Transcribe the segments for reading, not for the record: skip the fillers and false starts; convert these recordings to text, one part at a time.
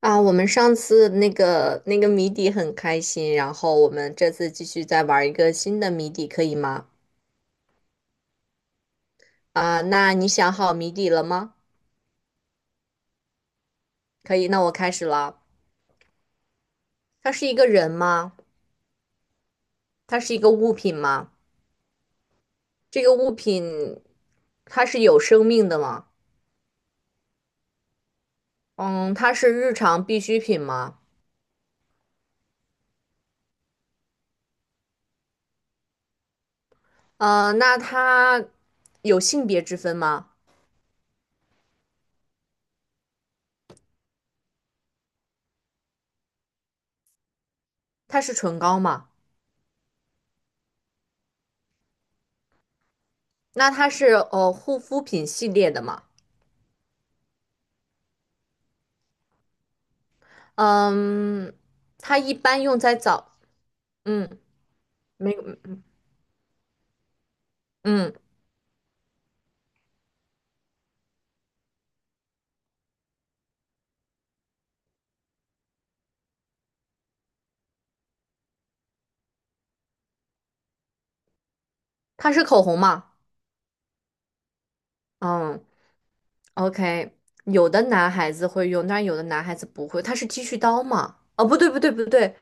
啊，我们上次那个谜底很开心，然后我们这次继续再玩一个新的谜底，可以吗？啊，那你想好谜底了吗？可以，那我开始了。它是一个人吗？它是一个物品吗？这个物品它是有生命的吗？嗯，它是日常必需品吗？那它有性别之分吗？它是唇膏吗？那它是护肤品系列的吗？嗯，它一般用在早。嗯，没，嗯，它是口红吗？嗯，OK，有的男孩子会用，但是有的男孩子不会。它是剃须刀吗？哦，不对，不对，不对，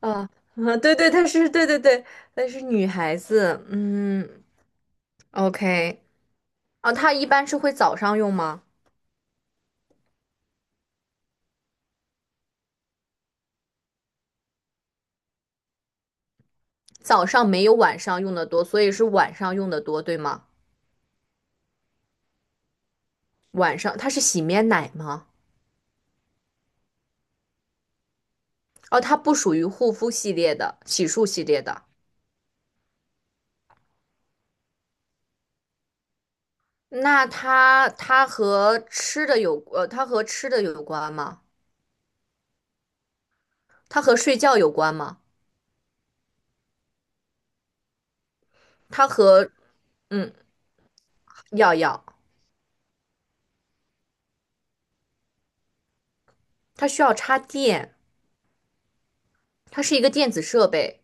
啊、啊，对对，它是，对对对，但是女孩子，嗯，OK，啊，它一般是会早上用吗？早上没有晚上用的多，所以是晚上用的多，对吗？晚上它是洗面奶吗？哦，它不属于护肤系列的，洗漱系列的。那它和吃的它和吃的有关吗？它和睡觉有关吗？它和嗯，要要，它需要插电，它是一个电子设备，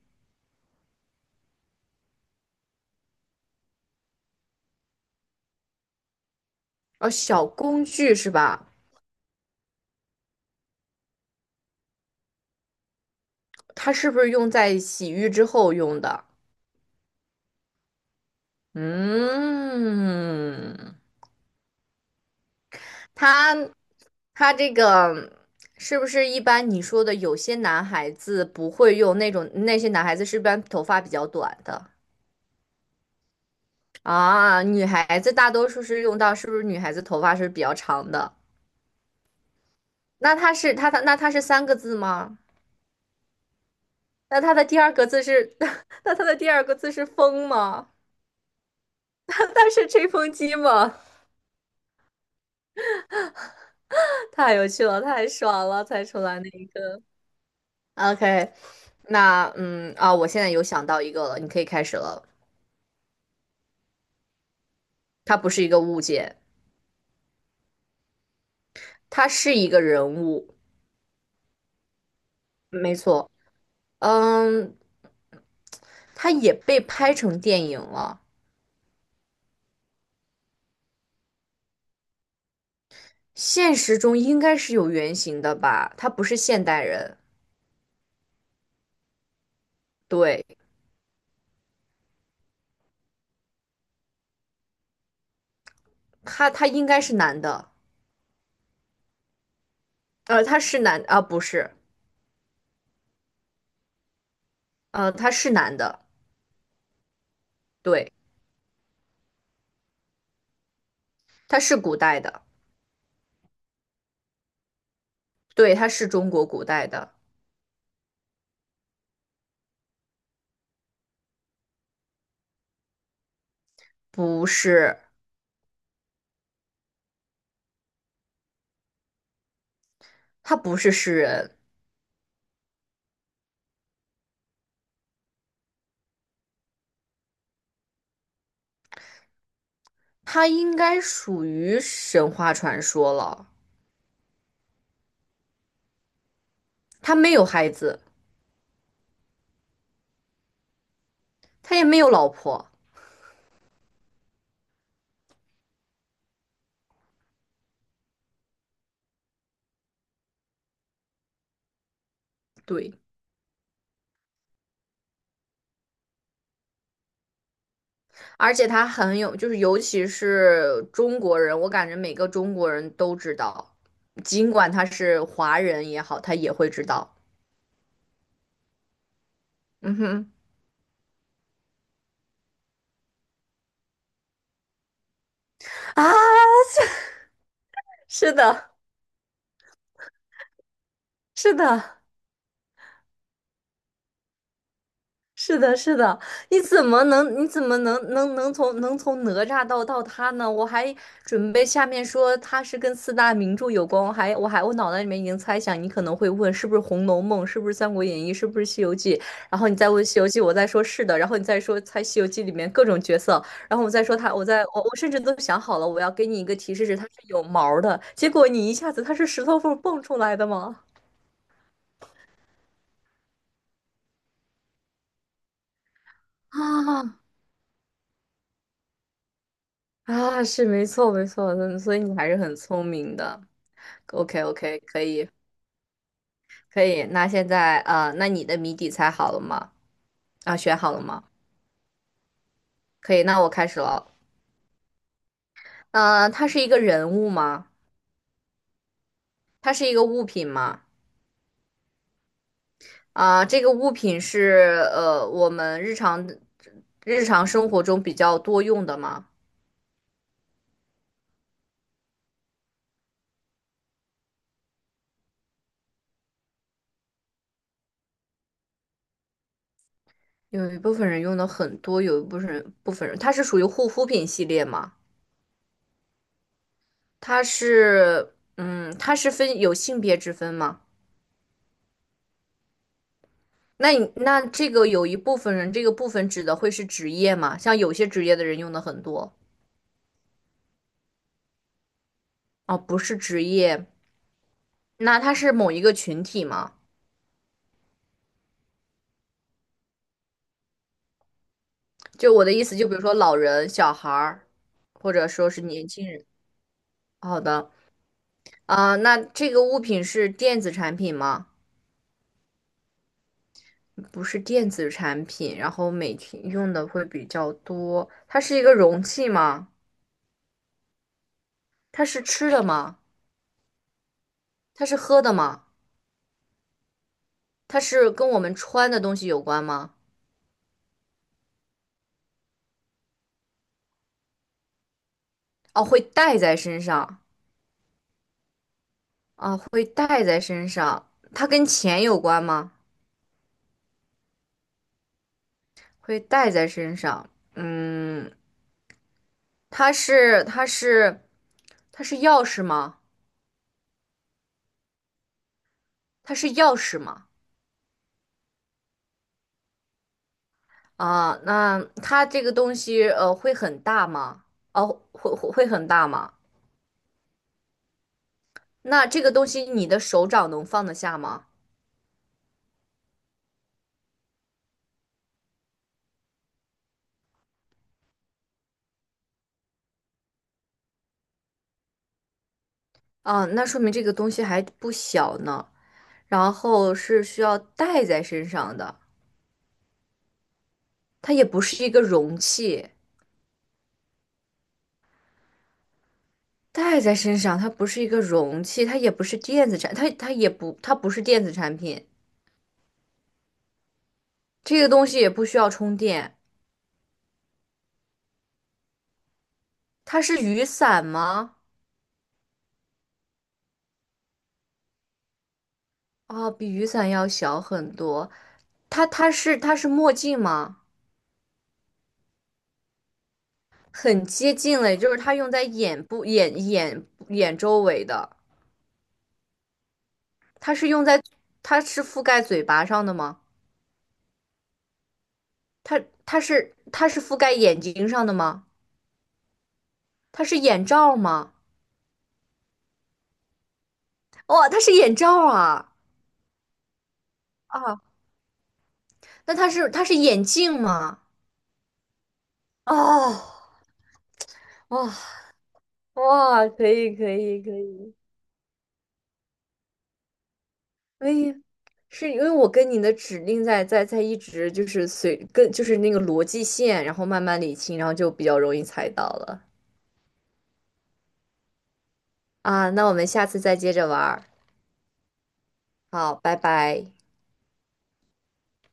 呃，小工具是吧？它是不是用在洗浴之后用的？嗯，它它这个是不是一般你说的有些男孩子不会用那种，那些男孩子是不是一般头发比较短的？啊，女孩子大多数是用到，是不是女孩子头发是比较长的？那它是三个字吗？那它的第二个字是 那它的第二个字是风吗？它是吹风机吗？太有趣了，太爽了，猜出来那一个。OK，那我现在有想到一个了，你可以开始了。它不是一个物件，它是一个人物，没错。嗯，它也被拍成电影了。现实中应该是有原型的吧？他不是现代人，对，他应该是男的，呃，他是男啊，不是，呃，他是男的，对，他是古代的，对，他是中国古代的，不是，他不是诗人，他应该属于神话传说了，他没有孩子，他也没有老婆，对。而且他很有，就是尤其是中国人，我感觉每个中国人都知道，尽管他是华人也好，他也会知道。嗯哼，啊，是的，是的。是的，是的，你怎么能，你怎么能从哪吒到他呢？我还准备下面说他是跟四大名著有关，我脑袋里面已经猜想你可能会问是不是《红楼梦》，是不是《三国演义》，是不是《西游记》，然后你再问《西游记》，我再说是的，然后你再说猜《西游记》里面各种角色，然后我再说他，我再我我甚至都想好了，我要给你一个提示是他是有毛儿的，结果你一下子他是石头缝儿蹦出来的吗？啊，啊，是没错没错，嗯，所以你还是很聪明的。OK OK，可以可以。那现在那你的谜底猜好了吗？啊，选好了吗？可以，那我开始了。呃，它是一个人物吗？它是一个物品吗？啊，这个物品是我们日常生活中比较多用的吗？有一部分人用的很多，有一部分人它是属于护肤品系列吗？它是嗯，它是分有性别之分吗？那你那这个有一部分人，这个部分指的会是职业吗？像有些职业的人用的很多哦，不是职业，那他是某一个群体吗？就我的意思，就比如说老人、小孩儿，或者说是年轻人。好的，啊、那这个物品是电子产品吗？不是电子产品，然后每天用的会比较多。它是一个容器吗？它是吃的吗？它是喝的吗？它是跟我们穿的东西有关吗？哦，会带在身上。啊，会带在身上，它跟钱有关吗？会带在身上，嗯，它是它是它是钥匙吗？它是钥匙吗？啊，那它这个东西会很大吗？哦，会很大吗？那这个东西你的手掌能放得下吗？啊，那说明这个东西还不小呢，然后是需要带在身上的，它也不是一个容器。戴在身上，它不是一个容器，它不是电子产品，这个东西也不需要充电。它是雨伞吗？哦，比雨伞要小很多。它是墨镜吗？很接近了，也就是它用在眼部、眼周围的。它是用在，它是覆盖嘴巴上的吗？它它是覆盖眼睛上的吗？它是眼罩吗？哇、它是眼罩啊！啊！那它是眼镜吗？哦，哇哇，可以可以可以，可以，是因为我跟你的指令在一直就是随跟就是那个逻辑线，然后慢慢理清，然后就比较容易猜到了啊。那我们下次再接着玩儿，好，拜拜。